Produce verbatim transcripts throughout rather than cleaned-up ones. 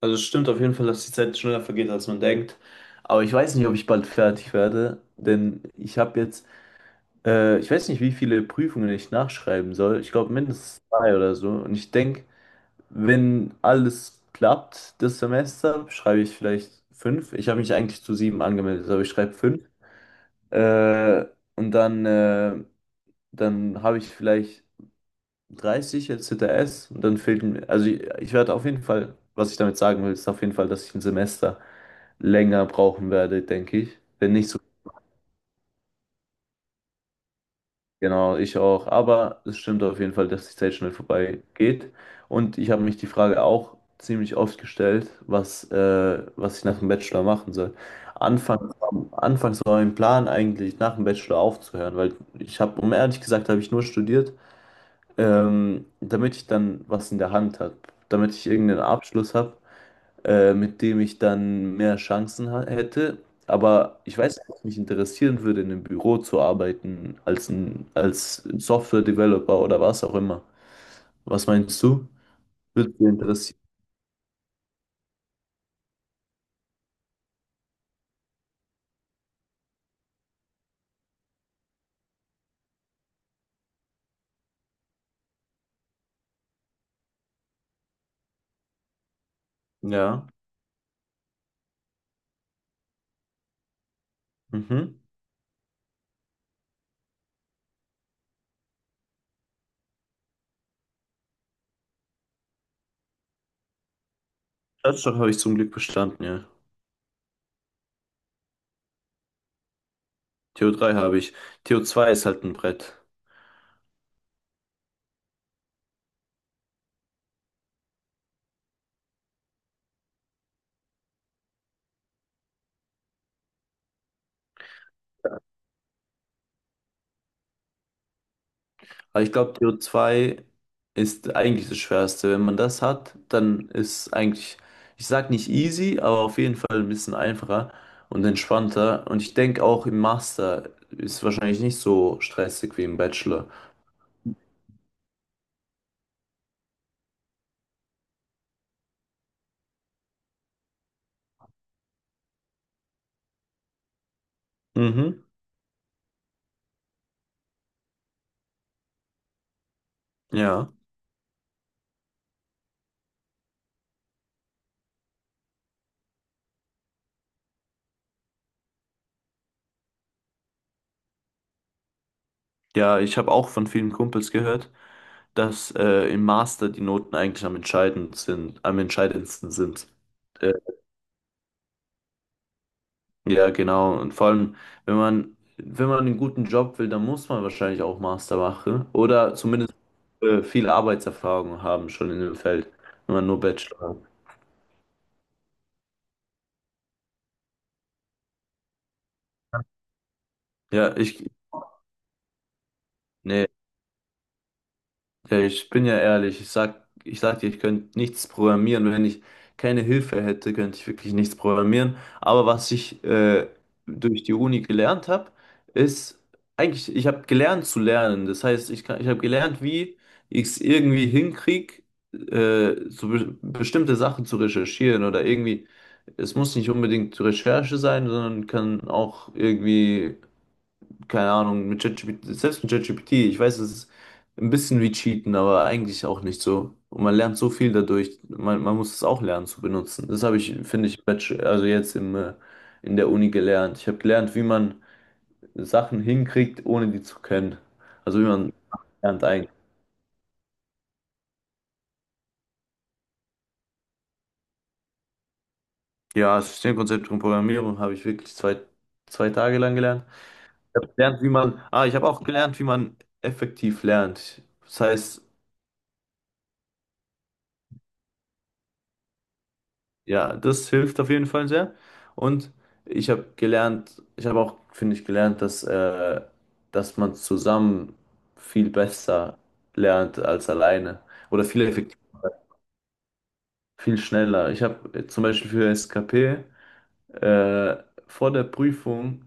Also es stimmt auf jeden Fall, dass die Zeit schneller vergeht, als man denkt. Aber ich weiß nicht, ob ich bald fertig werde, denn ich habe jetzt, äh, ich weiß nicht, wie viele Prüfungen ich nachschreiben soll. Ich glaube mindestens zwei oder so. Und ich denke, wenn alles klappt, das Semester, schreibe ich vielleicht fünf. Ich habe mich eigentlich zu sieben angemeldet, aber ich schreibe fünf. Äh, und dann, äh, dann habe ich vielleicht dreißig jetzt H T S, und dann fehlt mir, also ich, ich werde auf jeden Fall, was ich damit sagen will, ist auf jeden Fall, dass ich ein Semester länger brauchen werde, denke ich. Wenn nicht so, genau, ich auch. Aber es stimmt auf jeden Fall, dass die Zeit schnell vorbei geht. Und ich habe mich die Frage auch ziemlich oft gestellt, was, äh, was ich nach dem Bachelor machen soll. Anfangs, anfangs war mein Plan eigentlich, nach dem Bachelor aufzuhören, weil ich habe, um ehrlich gesagt, habe ich nur studiert, ähm, damit ich dann was in der Hand habe, damit ich irgendeinen Abschluss habe, äh, mit dem ich dann mehr Chancen ha- hätte. Aber ich weiß nicht, ob es mich interessieren würde, in einem Büro zu arbeiten, als ein, als Software-Developer oder was auch immer. Was meinst du? Würde dich interessieren? Ja. Mhm. Staatsstock habe ich zum Glück bestanden, ja. T O drei habe ich. T O zwei ist halt ein Brett. Aber ich glaube, C O zwei ist eigentlich das Schwerste. Wenn man das hat, dann ist eigentlich, ich sag nicht easy, aber auf jeden Fall ein bisschen einfacher und entspannter. Und ich denke auch, im Master ist wahrscheinlich nicht so stressig wie im Bachelor. Mhm. Ja. Ja, ich habe auch von vielen Kumpels gehört, dass, äh, im Master die Noten eigentlich am entscheidend sind, am entscheidendsten sind. Äh, Ja, genau. Und vor allem, wenn man, wenn man einen guten Job will, dann muss man wahrscheinlich auch Master machen oder zumindest, äh, viel Arbeitserfahrung haben schon in dem Feld, wenn man nur Bachelor hat. Ja, ich, Nee. Ja, ich bin ja ehrlich, ich sag, ich sag dir, ich könnte nichts programmieren. Wenn ich keine Hilfe hätte, könnte ich wirklich nichts programmieren. Aber was ich, äh, durch die Uni gelernt habe, ist eigentlich, ich habe gelernt zu lernen. Das heißt, ich kann, ich habe gelernt, wie ich es irgendwie hinkriege, äh, so be bestimmte Sachen zu recherchieren oder irgendwie. Es muss nicht unbedingt Recherche sein, sondern kann auch irgendwie, keine Ahnung, mit ChatGPT, selbst mit ChatGPT, ich weiß, es ist ein bisschen wie Cheaten, aber eigentlich auch nicht so. Und man lernt so viel dadurch, man, man muss es auch lernen zu benutzen. Das habe ich, finde ich, im Bachelor, also jetzt im, äh, in der Uni gelernt. Ich habe gelernt, wie man Sachen hinkriegt, ohne die zu können. Also wie man lernt eigentlich. Ja, das Systemkonzept und Programmierung habe ich wirklich zwei, zwei Tage lang gelernt. Ich habe gelernt, wie man, ah, ich habe auch gelernt, wie man effektiv lernt. Das heißt, ja, das hilft auf jeden Fall sehr. Und ich habe gelernt, ich habe auch, finde ich, gelernt, dass, äh, dass man zusammen viel besser lernt als alleine oder viel effektiver, viel schneller. Ich habe zum Beispiel für S K P, äh, vor der Prüfung,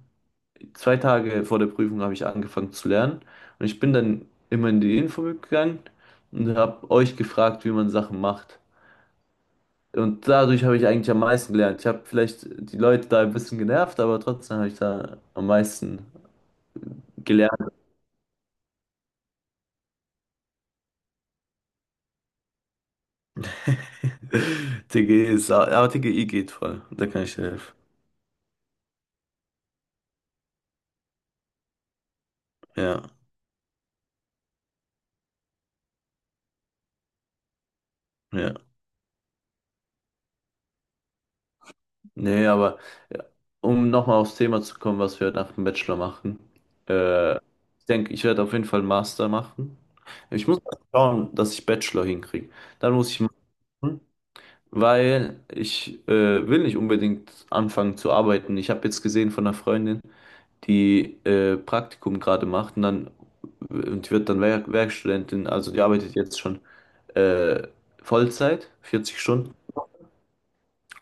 zwei Tage vor der Prüfung, habe ich angefangen zu lernen, und ich bin dann immer in die Info gegangen und habe euch gefragt, wie man Sachen macht. Und dadurch habe ich eigentlich am meisten gelernt. Ich habe vielleicht die Leute da ein bisschen genervt, aber trotzdem habe ich da am meisten gelernt. T G ist, aber T G I geht voll. Da kann ich dir helfen. Ja, ja. Nee, aber ja, um nochmal aufs Thema zu kommen, was wir nach dem Bachelor machen. Äh, ich denke, ich werde auf jeden Fall einen Master machen. Ich muss mal schauen, dass ich Bachelor hinkriege. Dann muss ich machen, weil ich, äh, will nicht unbedingt anfangen zu arbeiten. Ich habe jetzt gesehen von einer Freundin, die, äh, Praktikum gerade macht, und dann und die wird dann Werk Werkstudentin, also die arbeitet jetzt schon, äh, Vollzeit, vierzig Stunden,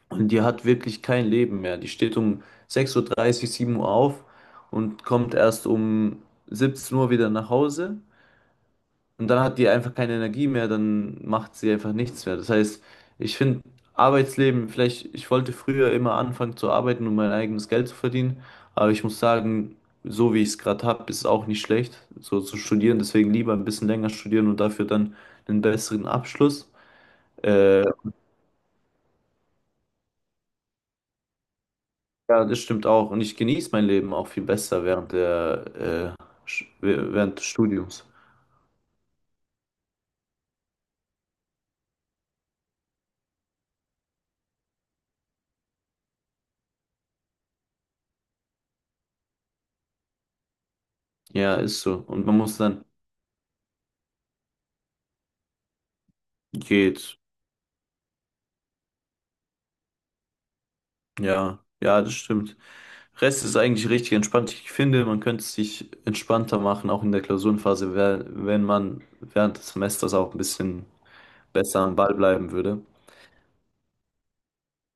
und die hat wirklich kein Leben mehr. Die steht um sechs Uhr dreißig, sieben Uhr auf und kommt erst um siebzehn Uhr wieder nach Hause, und dann hat die einfach keine Energie mehr, dann macht sie einfach nichts mehr. Das heißt, ich finde Arbeitsleben, vielleicht, ich wollte früher immer anfangen zu arbeiten, um mein eigenes Geld zu verdienen, aber ich muss sagen, so wie ich es gerade habe, ist es auch nicht schlecht, so zu studieren. Deswegen lieber ein bisschen länger studieren und dafür dann einen besseren Abschluss. Äh, ja, das stimmt auch. Und ich genieße mein Leben auch viel besser während der, äh, Sch- während des Studiums. Ja, ist so. Und man muss dann, geht. Ja, ja, das stimmt. Rest ist eigentlich richtig entspannt. Ich finde, man könnte es sich entspannter machen, auch in der Klausurenphase, wer- wenn man während des Semesters auch ein bisschen besser am Ball bleiben würde.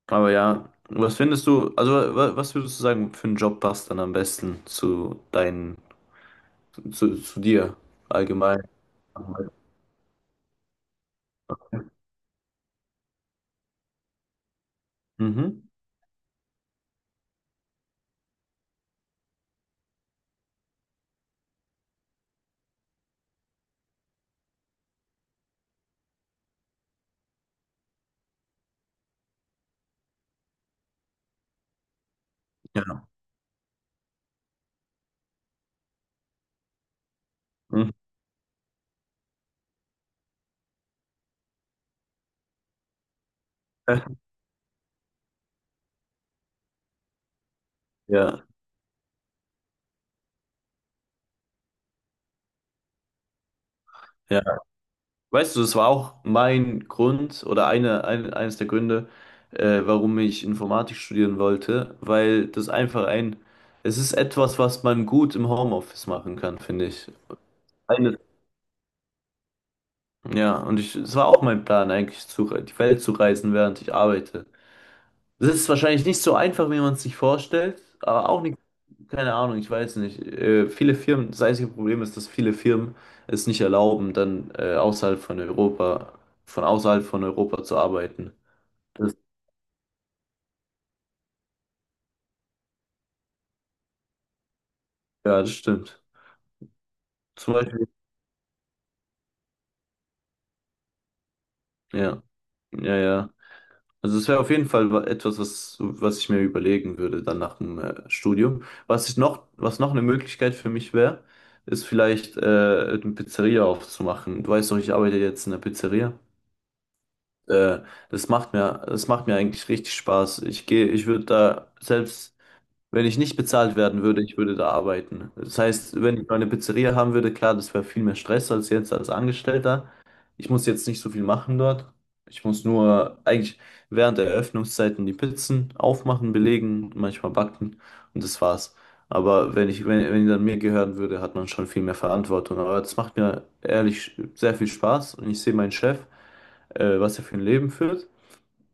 Aber ja, was findest du, also wa- was würdest du sagen, für einen Job passt dann am besten zu deinen, zu, zu dir allgemein? Mhm. Ja. Mhm. Ja. Ja. Weißt du, es war auch mein Grund oder eine, ein, eines der Gründe, äh, warum ich Informatik studieren wollte, weil das einfach ein, es ist etwas, was man gut im Homeoffice machen kann, finde ich. Eine, ja, und ich, es war auch mein Plan, eigentlich zu, die Welt zu reisen, während ich arbeite. Das ist wahrscheinlich nicht so einfach, wie man es sich vorstellt, aber auch nicht, keine Ahnung, ich weiß nicht. Äh, viele Firmen, das einzige Problem ist, dass viele Firmen es nicht erlauben, dann, äh, außerhalb von Europa, von außerhalb von Europa zu arbeiten. Das, ja, das stimmt. Zum Beispiel, ja, ja, ja. Also es wäre auf jeden Fall, wa- etwas, was, was ich mir überlegen würde dann nach dem, äh, Studium. Was ich noch, was noch eine Möglichkeit für mich wäre, ist vielleicht, äh, eine Pizzeria aufzumachen. Du weißt doch, ich arbeite jetzt in der Pizzeria. Äh, das macht mir, das macht mir eigentlich richtig Spaß. Ich gehe, ich würde da selbst. Wenn ich nicht bezahlt werden würde, ich würde da arbeiten. Das heißt, wenn ich meine Pizzeria haben würde, klar, das wäre viel mehr Stress als jetzt als Angestellter. Ich muss jetzt nicht so viel machen dort. Ich muss nur eigentlich während der Eröffnungszeiten die Pizzen aufmachen, belegen, manchmal backen, und das war's. Aber wenn ich, wenn, wenn die dann mir gehören würde, hat man schon viel mehr Verantwortung. Aber das macht mir ehrlich sehr viel Spaß, und ich sehe meinen Chef, äh, was er für ein Leben führt.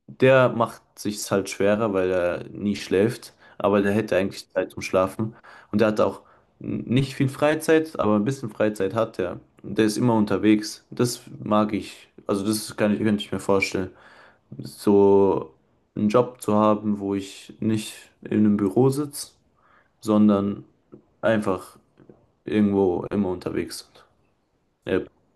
Der macht sich's halt schwerer, weil er nie schläft, aber der hätte eigentlich Zeit zum Schlafen. Und der hat auch nicht viel Freizeit, aber ein bisschen Freizeit hat er. Und der ist immer unterwegs. Das mag ich. Also das kann ich, könnte ich mir vorstellen, so einen Job zu haben, wo ich nicht in einem Büro sitze, sondern einfach irgendwo immer unterwegs bin. Ja,